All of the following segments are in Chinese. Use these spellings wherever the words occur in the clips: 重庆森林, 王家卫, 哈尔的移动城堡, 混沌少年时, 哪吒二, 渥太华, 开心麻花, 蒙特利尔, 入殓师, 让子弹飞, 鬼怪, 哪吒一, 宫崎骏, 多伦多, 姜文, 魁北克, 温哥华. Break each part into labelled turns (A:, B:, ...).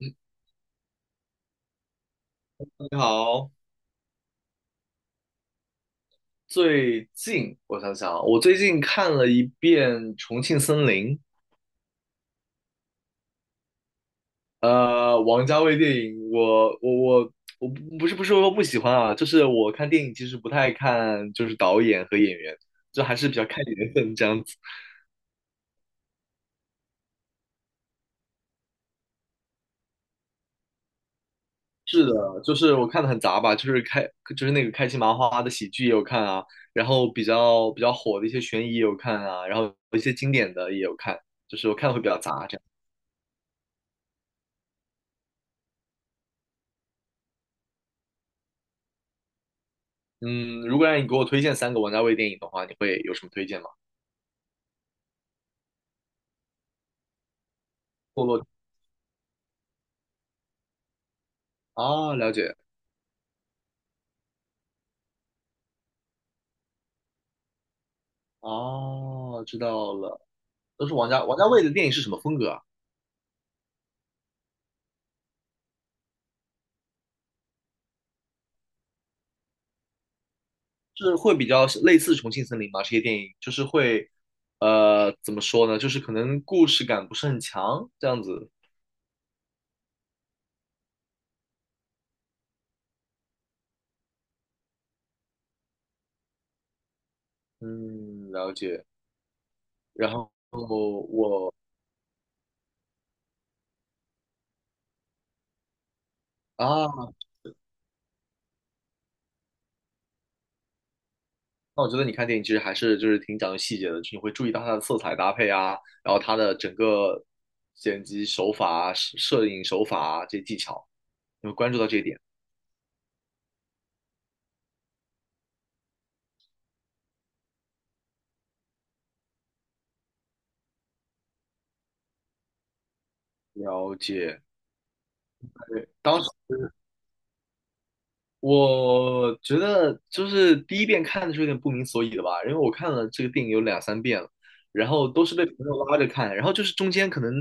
A: 嗯你好，最近我想想啊，我最近看了一遍《重庆森林》。王家卫电影，我不是说不喜欢啊，就是我看电影其实不太看，就是导演和演员，就还是比较看缘分这样子。是的，就是我看的很杂吧，就是开就是那个开心麻花的喜剧也有看啊，然后比较火的一些悬疑也有看啊，然后一些经典的也有看，就是我看的会比较杂。这样。嗯，如果让你给我推荐三个王家卫电影的话，你会有什么推荐吗？堕落啊，了解。哦，知道了。都是王家卫的电影是什么风格啊？是会比较类似《重庆森林》吗？这些电影就是会，怎么说呢？就是可能故事感不是很强，这样子。嗯，了解。然后我啊，那我觉得你看电影其实还是就是挺讲究细节的，就是你会注意到它的色彩搭配啊，然后它的整个剪辑手法啊、摄影手法啊这些技巧，你会关注到这一点。了解。对，当时我觉得就是第一遍看的时候有点不明所以的吧，因为我看了这个电影有两三遍了，然后都是被朋友拉着看，然后就是中间可能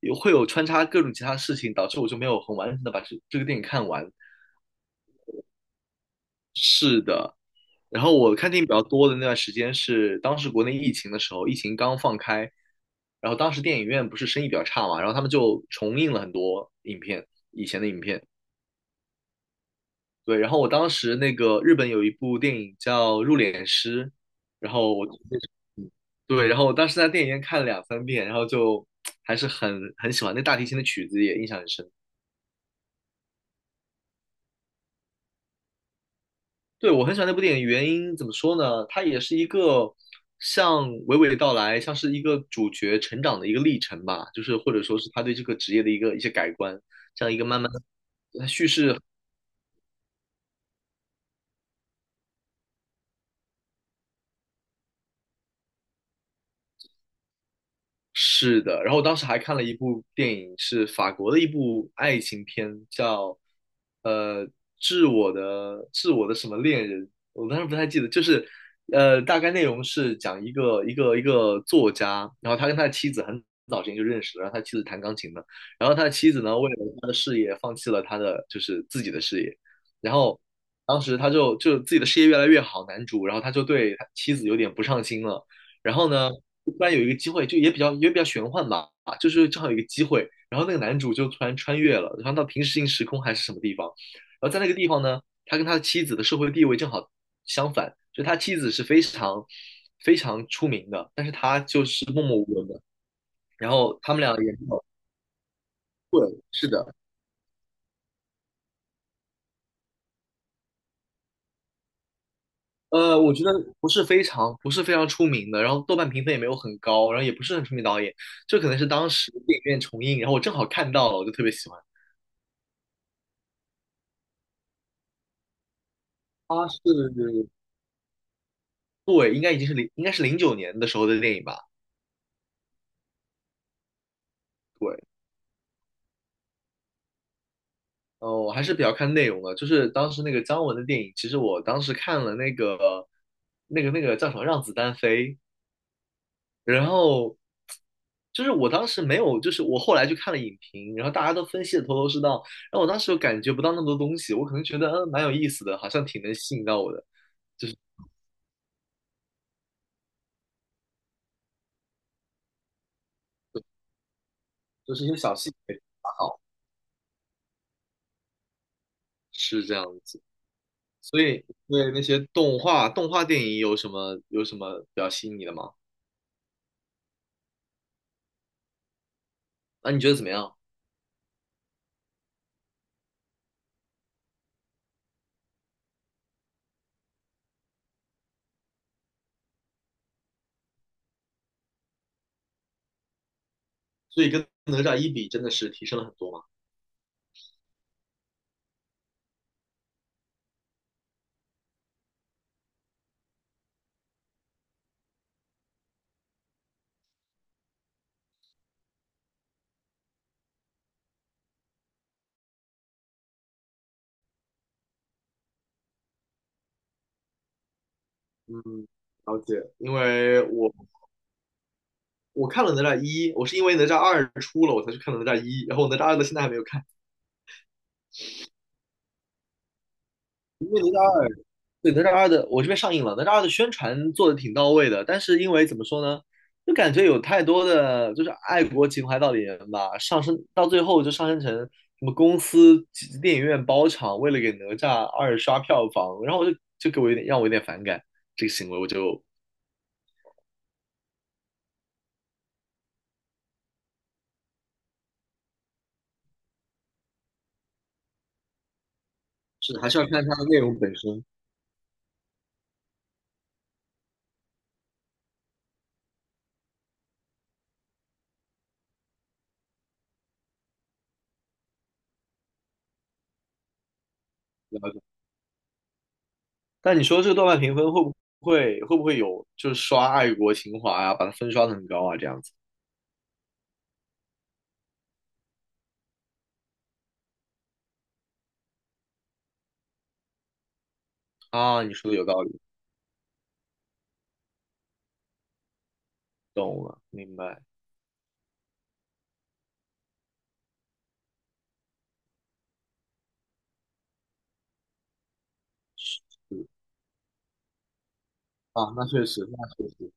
A: 有会有穿插各种其他事情，导致我就没有很完整的把这个电影看完。然后我看电影比较多的那段时间是当时国内疫情的时候，疫情刚放开，然后当时电影院不是生意比较差嘛，然后他们就重映了很多影片，以前的影片。对，然后我当时那个日本有一部电影叫《入殓师》，然后我嗯对，然后我当时在电影院看了两三遍，然后就还是很喜欢，那大提琴的曲子也印象很深。对，我很喜欢那部电影，原因怎么说呢？它也是一个像娓娓道来，像是一个主角成长的一个历程吧，就是或者说是他对这个职业的一些改观，这样一个慢慢的，它叙事是的。然后我当时还看了一部电影，是法国的一部爱情片，叫呃《致我的什么恋人》，我当时不太记得，就是大概内容是讲一个作家，然后他跟他的妻子很早之前就认识了，然后他妻子弹钢琴的，然后他的妻子呢为了他的事业放弃了他的就是自己的事业，然后当时他就就自己的事业越来越好，男主，然后他就对他妻子有点不上心了。然后呢，突然有一个机会，就也比较玄幻吧，就是正好有一个机会，然后那个男主就突然穿越了，然后到平行时空还是什么地方，然后在那个地方呢，他跟他的妻子的社会地位正好相反，就他妻子是非常出名的，但是他就是默默无闻的，然后他们俩也没有对，是的。我觉得不是非常出名的，然后豆瓣评分也没有很高，然后也不是很出名导演，这可能是当时电影院重映，然后我正好看到了，我就特别喜欢。他是，对，应该已经是零，应该是零九年的时候的电影吧？对，我还是比较看内容的，就是当时那个姜文的电影，其实我当时看了那个叫什么《让子弹飞》，然后就是我当时没有，就是我后来去看了影评，然后大家都分析的头头是道，然后我当时又感觉不到那么多东西，我可能觉得嗯蛮有意思的，好像挺能吸引到我的，就是一些小细节。啊好，是这样子。所以对那些动画电影有什么比较吸引你的吗？那你觉得怎么样？所以跟哪吒一比，真的是提升了很多嘛。嗯，了解。因为我看了哪吒一，我是因为哪吒二出了我才去看了哪吒一，然后哪吒二的现在还没有看。对，哪吒二的我这边上映了，哪吒二的宣传做的挺到位的，但是因为怎么说呢，就感觉有太多的就是爱国情怀到里面吧，上升到最后就上升成什么公司电影院包场，为了给哪吒二刷票房，然后我就就给我有点让我有点反感这个行为，我就是还是要看它的内容本身。了但你说这个豆瓣评分会不会有就是刷爱国情怀啊，把它分刷的很高啊这样子？啊？你说的有道理，懂了，明白。嗯啊，那确实，那确实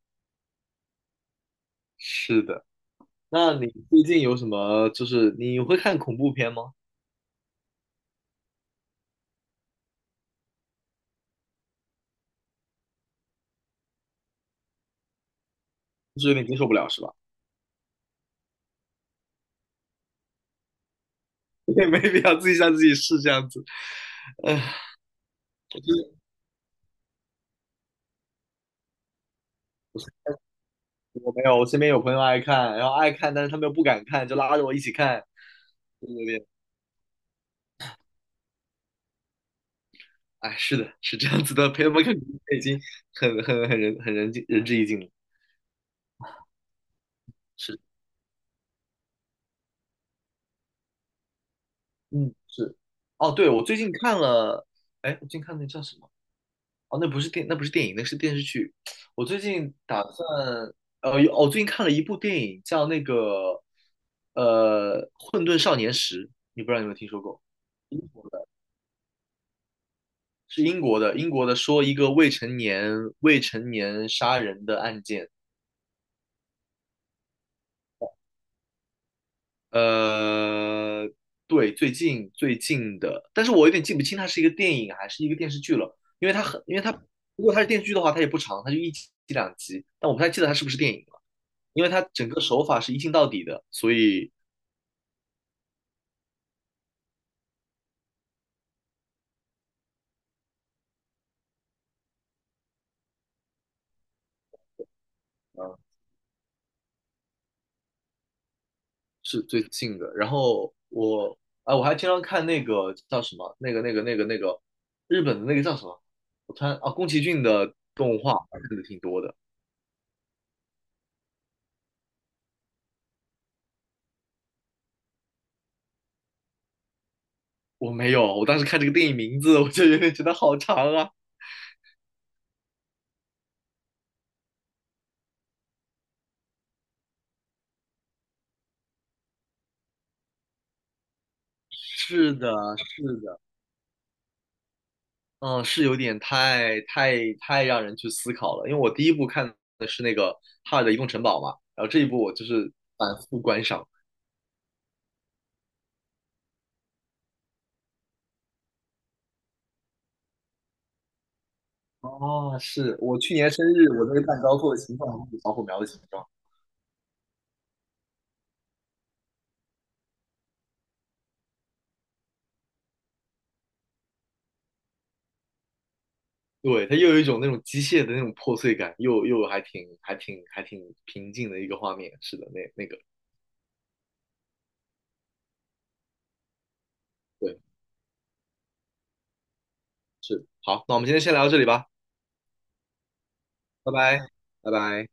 A: 是的。那你最近有什么就是你会看恐怖片吗？就是有点接受不了是吧？也没必要自己让自己是这样子。就是我没有，我身边有朋友爱看，然后爱看，但是他们又不敢看，就拉着我一起看，就有点。哎，是的，是这样子的，陪他们看恐怖片已经很尽人至义尽了。是。嗯，是。哦，对，我最近看了，哎，我最近看那叫什么？哦，那不是电，那不是电影，那是电视剧。我最近打算，有哦我最近看了一部电影，叫那个，呃，《混沌少年时》，你不知道有没有听说过？英国的，是英国的，英国的，说一个未成年杀人的案件。呃，对，最近最近的，但是我有点记不清它是一个电影还是一个电视剧了，因为它很，因为它如果它是电视剧的话，它也不长，它就一集两集，但我不太记得它是不是电影了，因为它整个手法是一镜到底的，所以嗯、呃是最近的。我还经常看那个叫什么，那个日本的那个叫什么，我突然啊，宫崎骏的动画看的挺多的。我没有，我当时看这个电影名字，我就有点觉得好长啊。是的，是的，嗯，是有点太让人去思考了。因为我第一部看的是那个《哈尔的移动城堡》嘛，然后这一部我就是反复观赏。哦，是我去年生日，我那个蛋糕做的形状就是小火苗的形状。对，它又有一种那种机械的那种破碎感，又又还挺平静的一个画面。是的，那那个对，是好，那我们今天先聊到这里吧，拜拜，拜拜。